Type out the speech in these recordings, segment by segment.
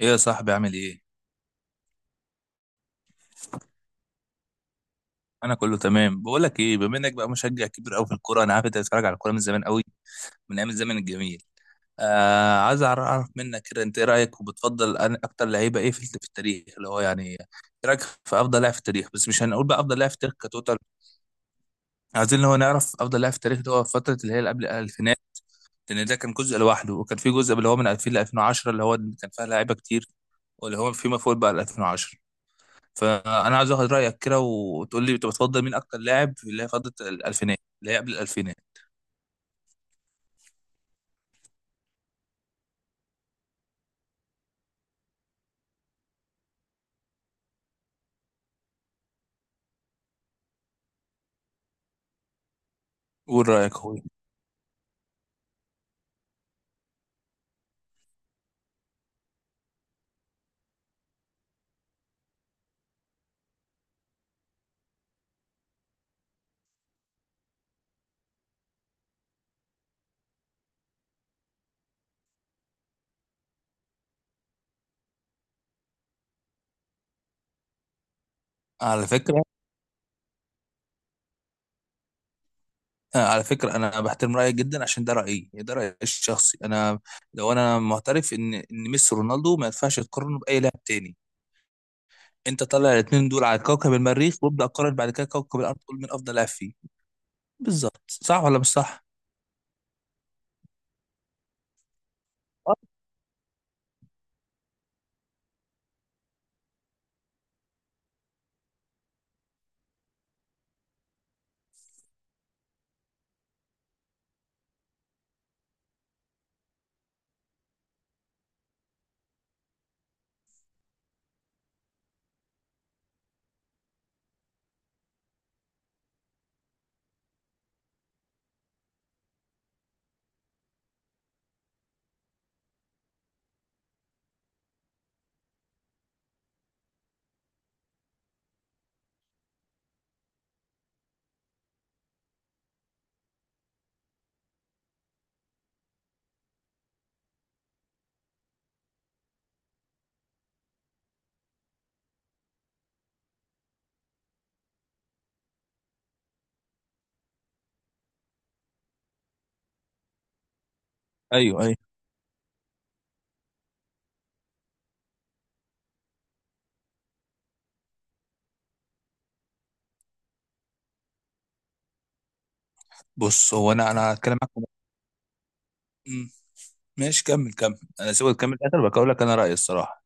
ايه يا صاحبي، عامل ايه؟ انا كله تمام. بقول لك ايه، بما انك بقى مشجع كبير قوي في الكوره، انا عارف انت بتتفرج على الكوره من زمان قوي، من ايام الزمن الجميل. عايز اعرف منك كده انت ايه رايك، وبتفضل اكتر لعيبه ايه في التاريخ، اللي هو يعني ايه رايك في افضل لاعب في التاريخ؟ بس مش هنقول بقى افضل لاعب في التاريخ كتوتال. عايزين اللي هو نعرف افضل لاعب في التاريخ اللي هو في فتره اللي هي اللي قبل الالفينات، لان ده كان جزء لوحده، وكان في جزء اللي هو من 2000 ل 2010 اللي هو كان فيها لعيبه كتير، واللي هو فيما فوق بقى ل 2010. فانا عايز اخد رايك كده وتقول لي انت بتفضل مين اكتر لاعب في اللي هي فتره الالفينات اللي هي قبل الالفينات. قول رايك يا اخويا. على فكره، على فكره، انا بحترم رايك جدا، عشان ده رايي، ده رايي الشخصي انا. لو انا معترف ان ميسي ورونالدو ما ينفعش تقارنه باي لاعب تاني، انت طلع الاثنين دول على كوكب المريخ، وابدا قارن بعد كده كوكب الارض تقول مين افضل لاعب فيه. بالظبط، صح ولا مش صح؟ آه. ايوه، ايوه. بص هو انا هتكلم معاك. مم. ماشي، كمل كمل، انا سيبك تكمل الاخر، بقول لك انا رايي الصراحه.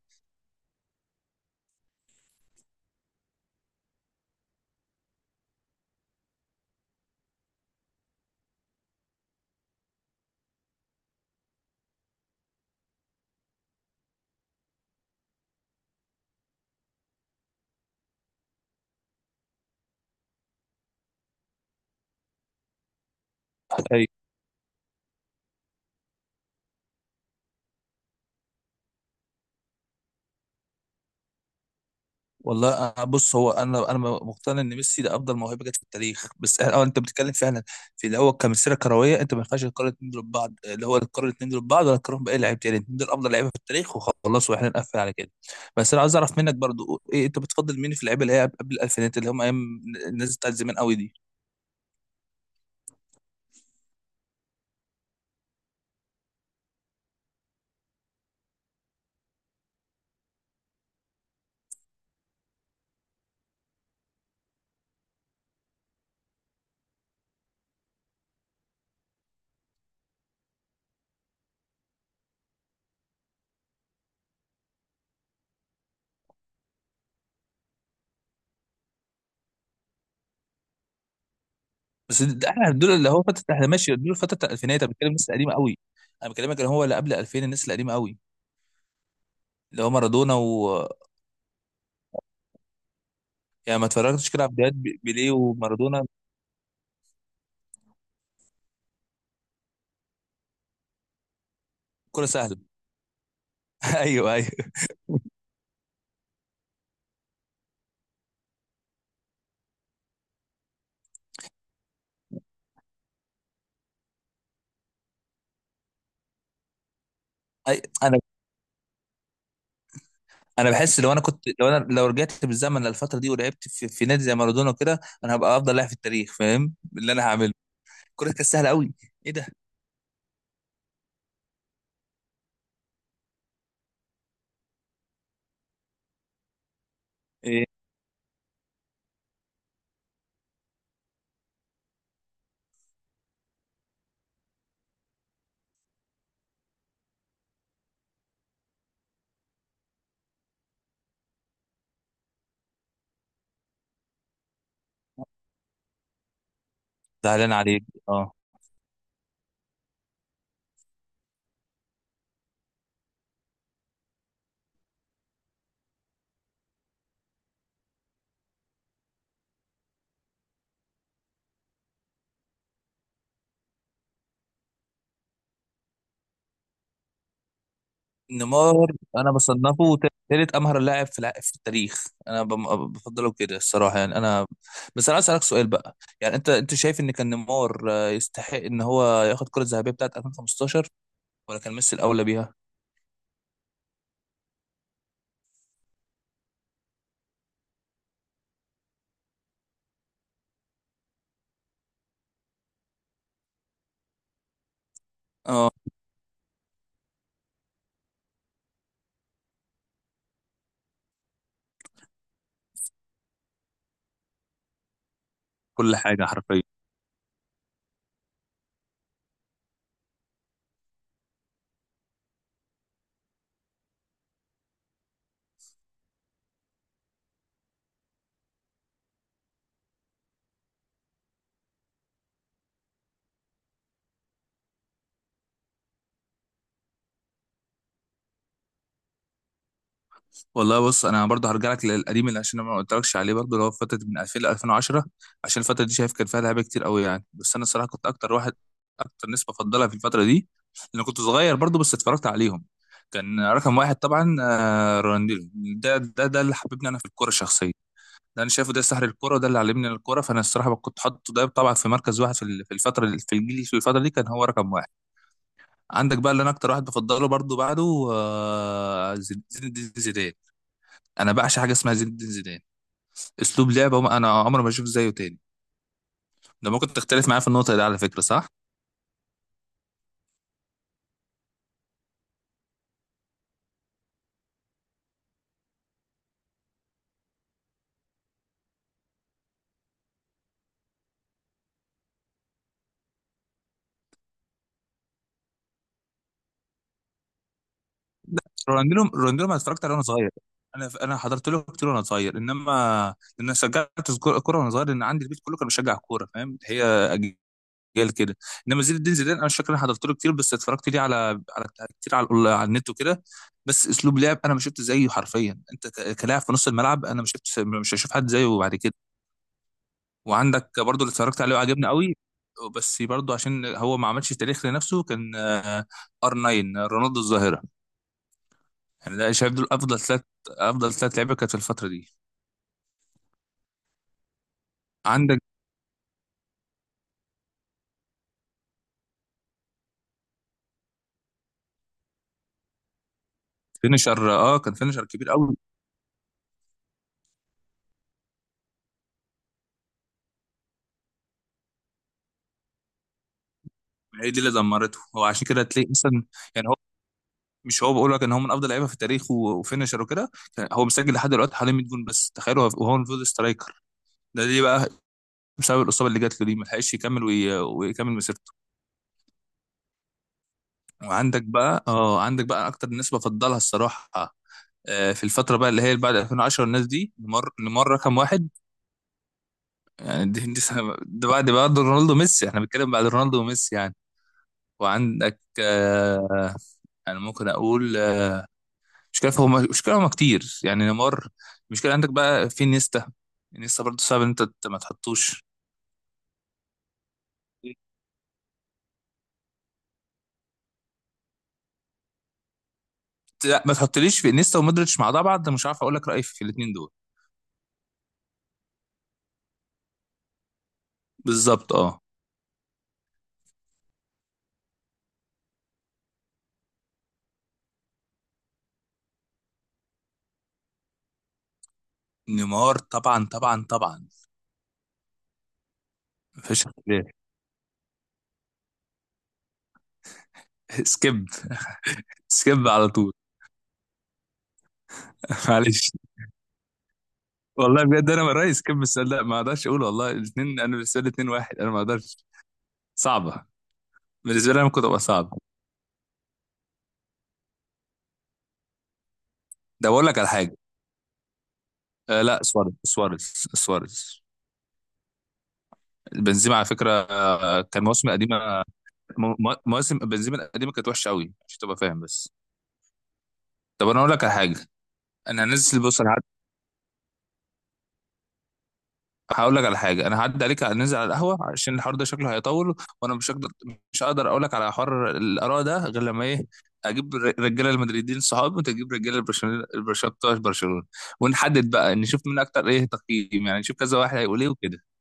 أيوة. والله بص هو انا مقتنع ان ميسي ده افضل موهبه جت في التاريخ، بس اه انت بتتكلم فعلا في اللي هو كمسيره كرويه. انت ما ينفعش تقارن الاثنين دول ببعض، اللي هو تقارن الاثنين دول ببعض ولا تقارن باي لعيب تاني. الاثنين دول افضل لعيبه في التاريخ وخلاص، واحنا نقفل على كده. بس انا عايز اعرف منك برضو، ايه انت بتفضل مين في اللعيبه اللي هي قبل الالفينات، اللي هم ايام الناس بتاعت زمان قوي دي؟ بس ده احنا دول اللي هو فتره، احنا ماشي دول فتره الالفينات، انا بتكلم الناس القديمه قوي. انا بكلمك اللي هو اللي قبل 2000، الناس القديمه قوي، اللي هو مارادونا و... يعني ما اتفرجتش كده على فيديوهات بيليه ومارادونا؟ كرة سهلة. ايوه، ايوه. أي- انا انا بحس لو انا كنت، لو انا، لو رجعت بالزمن للفتره دي ولعبت في نادي زي مارادونا كده، انا هبقى افضل لاعب في التاريخ، فاهم اللي انا هعمله؟ الكوره كانت سهله قوي. ايه ده؟ ايه؟ زعلان عليك. اه، نيمار انا بصنفه ثالث امهر لاعب في في التاريخ، انا بفضله كده الصراحه، يعني انا. بس انا عايز اسالك سؤال بقى، يعني انت شايف ان كان نيمار يستحق ان هو ياخد الكره الذهبيه بتاعت 2015، ولا كان ميسي الاولى بيها؟ اه. كل حاجة حرفيا. والله بص، انا برضه هرجع لك للقديم اللي عشان أنا ما قلتلكش عليه برضه، اللي هو فتره من 2000 ل 2010، عشان الفتره دي شايف كان فيها لعيبه كتير قوي يعني. بس انا الصراحه كنت اكتر واحد، اكتر ناس بفضلها في الفتره دي، لان كنت صغير برضه بس اتفرجت عليهم. كان رقم واحد طبعا، رونالدينيو. ده اللي حببني انا في الكوره الشخصيه، ده انا شايفه ده سحر الكوره، وده اللي علمني الكوره. فانا الصراحه كنت حاطه ده طبعا في مركز واحد، في في الفتره، في الجيل، في الفتره دي كان هو رقم واحد. عندك بقى اللي انا اكتر واحد بفضله برضه بعده زين الدين زيدان. انا بعشق حاجه اسمها زين الدين زيدان، اسلوب لعبه. انا عمري ما اشوف زيه تاني، ده ممكن تختلف معايا في النقطه دي على فكره، صح؟ رونالدينو ما اتفرجت عليه وانا صغير، انا حضرت له كتير وانا صغير، انما انا شجعت كورة وانا صغير، لان عندي البيت كله كان بيشجع كوره، فاهم؟ هي اجيال كده. انما زين الدين زيدان انا مش فاكر انا حضرت له كتير، بس اتفرجت ليه على كتير، على على النت وكده. بس اسلوب لعب انا ما شفت زيه حرفيا، انت كلاعب في نص الملعب انا ما شفت، مش هشوف حد زيه بعد كده. وعندك برضو اللي اتفرجت عليه وعجبني قوي، بس برضو عشان هو ما عملش تاريخ لنفسه، كان ار 9 رونالدو الظاهره. يعني ده شايف دول افضل ثلاث، افضل ثلاث لعيبه كانت في الفتره دي. عندك فينيشر، اه كان فينيشر كبير قوي، هي دي اللي دمرته هو، عشان كده تلاقي مثلا يعني هو، مش هو بقول لك ان هو من افضل لعيبه في التاريخ وفينيشر وكده، كان هو مسجل لحد دلوقتي حوالي 100 جون بس، تخيلوا هو وهو المفروض سترايكر. ده ليه بقى؟ بسبب الاصابه اللي جات له دي، ما لحقش يكمل ويكمل مسيرته. وعندك بقى اه، عندك بقى اكتر الناس بفضلها الصراحه، في الفترة بقى اللي هي اللي بعد 2010، الناس دي نمر رقم واحد، يعني دي سنة، ده بعد رونالدو وميسي، احنا بنتكلم بعد رونالدو وميسي يعني. وعندك انا ممكن اقول، مش كده هم كتير يعني نمر. المشكلة عندك بقى في نيستا، نيستا برضه صعب ان انت ما تحطوش. لا، ما تحطليش في نيستا ومودريتش مع بعض، مش عارف اقول لك رأيي في الاثنين دول. بالظبط، اه. نيمار طبعا طبعا طبعا، مفيش اختلاف. سكيب، سكيب على طول. معلش. والله بجد انا رئيس كم السؤال ده، ما اقدرش اقول والله، الاثنين انا بالنسبه لي اثنين واحد، انا ما اقدرش، صعبه. بالنسبه لي انا كنت ابقى صعب. ده بقول لك على حاجه. آه لا، سواريز، سواريز، سواريز. بنزيما على فكره، آه كان مواسم قديمه، مواسم بنزيما القديمه كانت وحشه قوي، عشان تبقى فاهم بس. طب انا اقول لك على حاجه، انا هنزل، بص هقول لك على حاجه، انا هعدي عليك ننزل على القهوه، عشان الحوار ده شكله هيطول وانا مش هقدر، مش هقدر اقول لك على حوار الاراء ده غير لما ايه، اجيب رجاله المدريدين صحابي، وانت تجيب رجاله البرشلونه، بتوع برشلونه، ونحدد بقى نشوف مين اكتر ايه تقييم، يعني نشوف كذا واحد هيقول ايه وكده.